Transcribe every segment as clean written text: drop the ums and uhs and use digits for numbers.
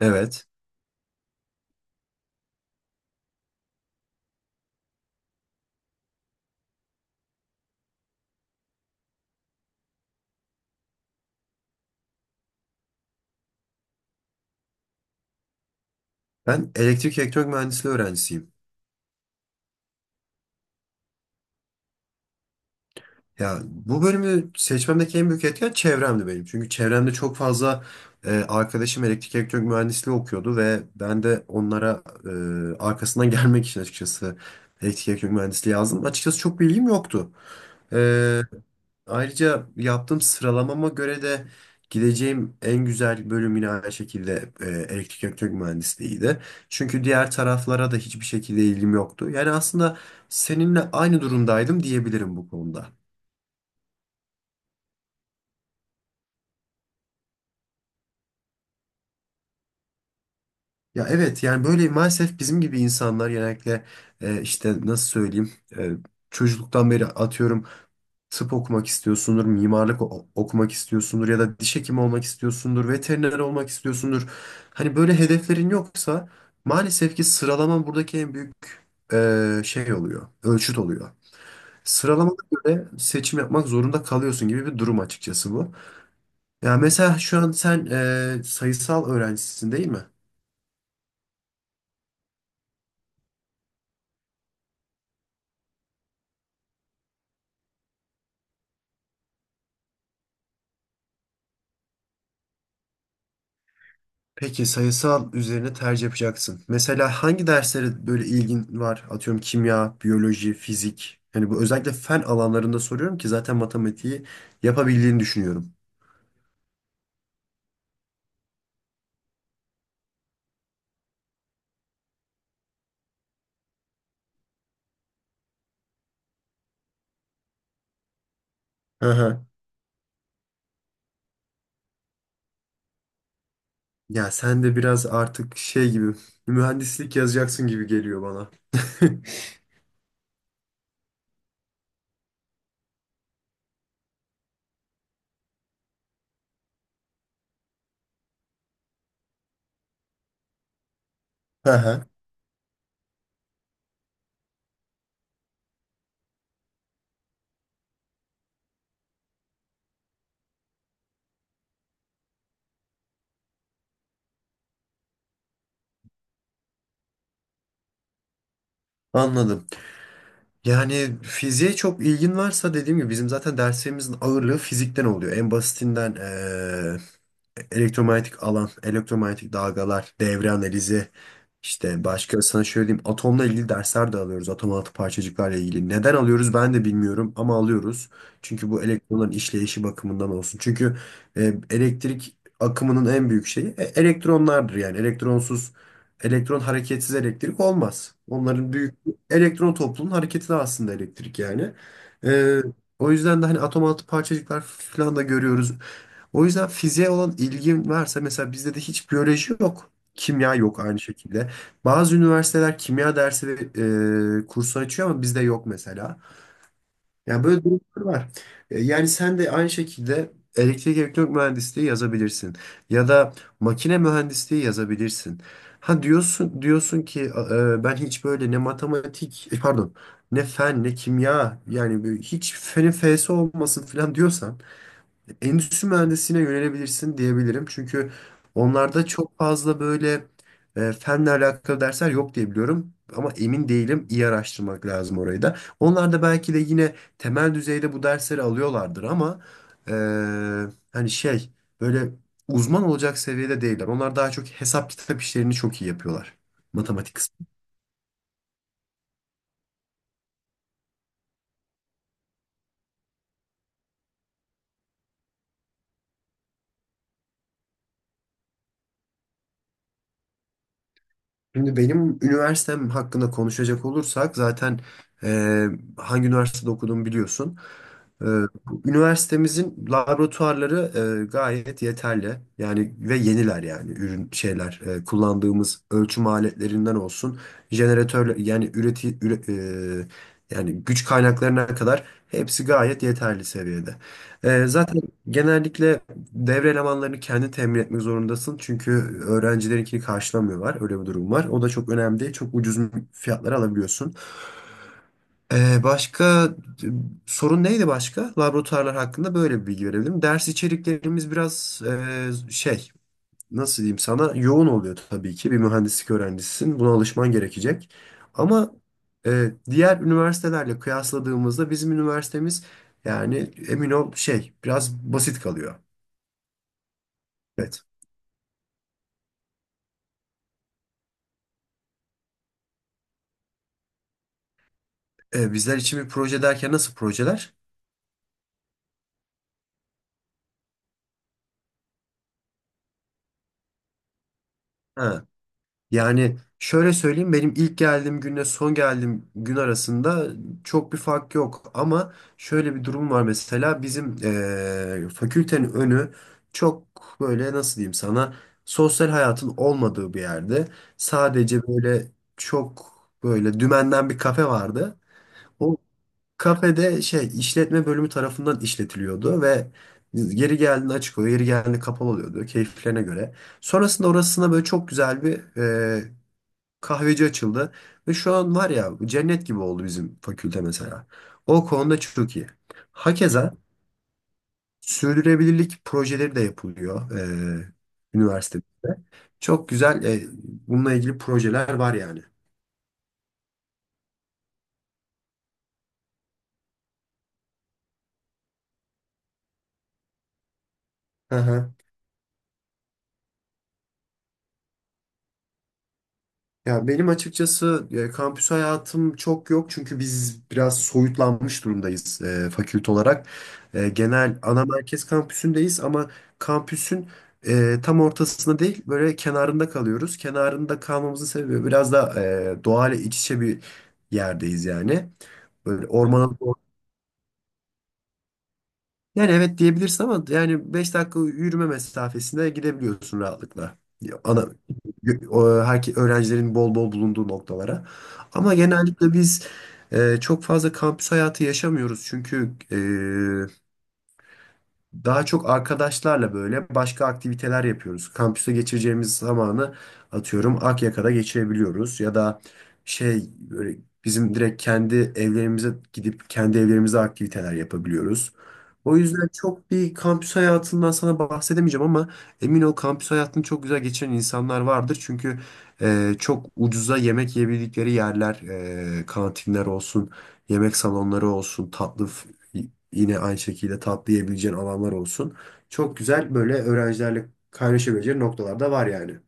Evet. Ben elektrik elektronik mühendisliği öğrencisiyim. Ya bu bölümü seçmemdeki en büyük etken çevremdi benim. Çünkü çevremde çok fazla arkadaşım elektrik elektronik mühendisliği okuyordu ve ben de onlara arkasından gelmek için açıkçası elektrik elektronik mühendisliği yazdım. Açıkçası çok bilgim yoktu. E, Ayrıca yaptığım sıralamama göre de gideceğim en güzel bölüm yine aynı şekilde elektrik elektronik mühendisliğiydi. Çünkü diğer taraflara da hiçbir şekilde ilgim yoktu. Yani aslında seninle aynı durumdaydım diyebilirim bu konuda. Ya evet yani böyle maalesef bizim gibi insanlar genellikle işte nasıl söyleyeyim e, çocukluktan beri atıyorum tıp okumak istiyorsundur, okumak istiyorsundur ya da diş hekimi olmak istiyorsundur, veteriner olmak istiyorsundur. Hani böyle hedeflerin yoksa maalesef ki sıralaman buradaki en büyük şey oluyor, ölçüt oluyor. Sıralamana göre seçim yapmak zorunda kalıyorsun gibi bir durum açıkçası bu. Ya mesela şu an sen sayısal öğrencisin değil mi? Peki sayısal üzerine tercih yapacaksın. Mesela hangi derslere böyle ilgin var? Atıyorum kimya, biyoloji, fizik. Hani bu özellikle fen alanlarında soruyorum ki zaten matematiği yapabildiğini düşünüyorum. Aha. Ya sen de biraz artık şey gibi mühendislik yazacaksın gibi geliyor bana. Aha. Anladım. Yani fiziğe çok ilgin varsa dediğim gibi bizim zaten derslerimizin ağırlığı fizikten oluyor. En basitinden elektromanyetik alan, elektromanyetik dalgalar, devre analizi, işte başka sana şöyle diyeyim atomla ilgili dersler de alıyoruz. Atom altı parçacıklarla ilgili. Neden alıyoruz ben de bilmiyorum ama alıyoruz. Çünkü bu elektronların işleyişi bakımından olsun. Çünkü elektrik akımının en büyük şeyi elektronlardır yani. Elektronsuz, elektron hareketsiz elektrik olmaz. Onların büyük elektron toplumunun hareketi de aslında elektrik yani. E, O yüzden de hani atom altı parçacıklar falan da görüyoruz. O yüzden fiziğe olan ilgin varsa mesela bizde de hiç biyoloji yok. Kimya yok aynı şekilde. Bazı üniversiteler kimya dersi ve kursu açıyor ama bizde yok mesela. Yani böyle durumlar var. Yani sen de aynı şekilde elektrik elektronik mühendisliği yazabilirsin. Ya da makine mühendisliği yazabilirsin. Ha diyorsun ki ben hiç böyle ne matematik pardon ne fen ne kimya yani böyle hiç fenin fesi olmasın falan diyorsan endüstri mühendisliğine yönelebilirsin diyebilirim. Çünkü onlarda çok fazla böyle fenle alakalı dersler yok diye biliyorum. Ama emin değilim. İyi araştırmak lazım orayı da. Onlar da belki de yine temel düzeyde bu dersleri alıyorlardır ama e, hani şey böyle uzman olacak seviyede değiller. Onlar daha çok hesap kitap işlerini çok iyi yapıyorlar. Matematik kısmı. Şimdi benim üniversitem hakkında konuşacak olursak zaten e, hangi üniversitede okuduğumu biliyorsun. Ee, bu üniversitemizin laboratuvarları gayet yeterli. Yani ve yeniler yani ürün şeyler kullandığımız ölçüm aletlerinden olsun jeneratörler yani yani güç kaynaklarına kadar hepsi gayet yeterli seviyede. Zaten genellikle devre elemanlarını kendi temin etmek zorundasın çünkü öğrencilerinkini karşılamıyorlar. Öyle bir durum var. O da çok önemli değil. Çok ucuz fiyatlara alabiliyorsun. Başka e, sorun neydi başka? Laboratuvarlar hakkında böyle bir bilgi verebilirim. Ders içeriklerimiz biraz şey nasıl diyeyim sana yoğun oluyor tabii ki. Bir mühendislik öğrencisisin. Buna alışman gerekecek. Ama diğer üniversitelerle kıyasladığımızda bizim üniversitemiz yani emin ol şey biraz basit kalıyor. Evet. Bizler için bir proje derken nasıl projeler? Ha. Yani şöyle söyleyeyim benim ilk geldiğim günle son geldiğim gün arasında çok bir fark yok ama şöyle bir durum var mesela bizim fakültenin önü çok böyle nasıl diyeyim sana sosyal hayatın olmadığı bir yerde sadece böyle çok böyle dümenden bir kafe vardı. O kafede şey işletme bölümü tarafından işletiliyordu ve yeri geldiğinde açık oluyor, yeri geldiğinde kapalı oluyordu keyiflerine göre. Sonrasında orasına böyle çok güzel bir kahveci açıldı. Ve şu an var ya cennet gibi oldu bizim fakülte mesela. O konuda çok iyi. Hakeza sürdürülebilirlik projeleri de yapılıyor e, üniversitede. Çok güzel bununla ilgili projeler var yani. Hı hı. Ya benim açıkçası kampüs hayatım çok yok çünkü biz biraz soyutlanmış durumdayız fakülte olarak. Genel ana merkez kampüsündeyiz ama kampüsün tam ortasında değil böyle kenarında kalıyoruz. Kenarında kalmamızın sebebi biraz da doğayla iç içe bir yerdeyiz yani. Böyle evet. Yani evet diyebilirsin ama yani 5 dakika yürüme mesafesinde gidebiliyorsun rahatlıkla. Ya ana, öğrencilerin bol bol bulunduğu noktalara. Ama genellikle biz çok fazla kampüs hayatı yaşamıyoruz. Çünkü daha çok arkadaşlarla böyle başka aktiviteler yapıyoruz. Kampüste geçireceğimiz zamanı atıyorum Akyaka'da geçirebiliyoruz ya da şey böyle bizim direkt kendi evlerimize gidip kendi evlerimize aktiviteler yapabiliyoruz. O yüzden çok bir kampüs hayatından sana bahsedemeyeceğim ama emin ol kampüs hayatını çok güzel geçiren insanlar vardır. Çünkü çok ucuza yemek yiyebildikleri yerler, kantinler olsun, yemek salonları olsun, yine aynı şekilde tatlı alanlar olsun. Çok güzel böyle öğrencilerle kaynaşabileceğin noktalar da var yani.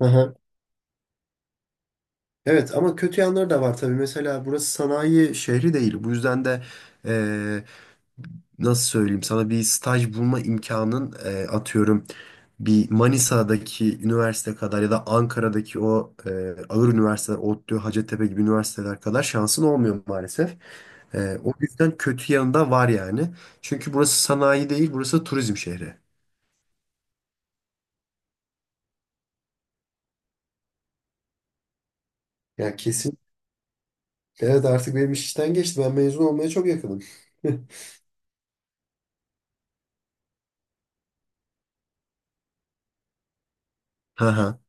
Aha. Evet ama kötü yanları da var tabii. Mesela burası sanayi şehri değil. Bu yüzden de nasıl söyleyeyim sana bir staj bulma imkanın atıyorum bir Manisa'daki üniversite kadar ya da Ankara'daki o ağır üniversiteler ODTÜ, Hacettepe gibi üniversiteler kadar şansın olmuyor maalesef. O yüzden kötü yanında var yani. Çünkü burası sanayi değil, burası turizm şehri. Ya kesin. Evet artık benim iş işten geçti. Ben mezun olmaya çok yakınım.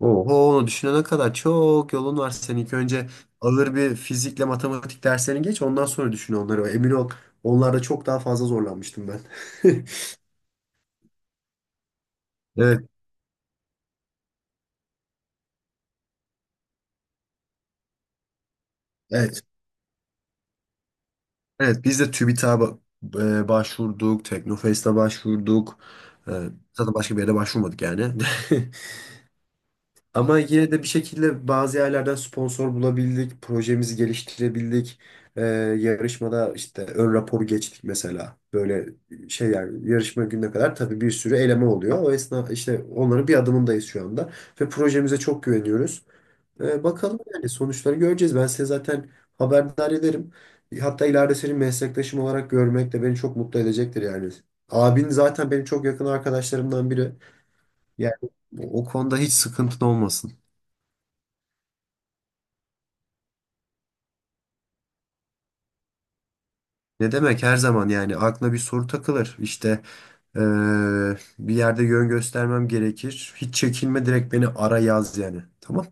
Oho onu düşünene kadar çok yolun var senin. İlk önce alır bir fizikle matematik derslerini geç ondan sonra düşün onları. Emin ol onlarda çok daha fazla zorlanmıştım ben. Evet, evet, evet. Biz de TÜBİTAK'a başvurduk, Teknofest'e başvurduk. E, Zaten başka bir yere başvurmadık yani. Ama yine de bir şekilde bazı yerlerden sponsor bulabildik, projemizi geliştirebildik. Ee, yarışmada işte ön raporu geçtik mesela. Böyle şey yani yarışma gününe kadar tabii bir sürü eleme oluyor. O esna işte onların bir adımındayız şu anda. Ve projemize çok güveniyoruz. Bakalım yani sonuçları göreceğiz. Ben size zaten haberdar ederim. Hatta ileride senin meslektaşım olarak görmek de beni çok mutlu edecektir yani. Abin zaten benim çok yakın arkadaşlarımdan biri. Yani o konuda hiç sıkıntın olmasın. Ne demek her zaman yani aklına bir soru takılır. İşte eee, bir yerde yön göstermem gerekir. Hiç çekinme direkt beni ara yaz yani. Tamam.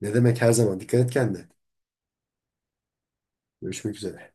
Ne demek her zaman. Dikkat et kendine. Görüşmek üzere.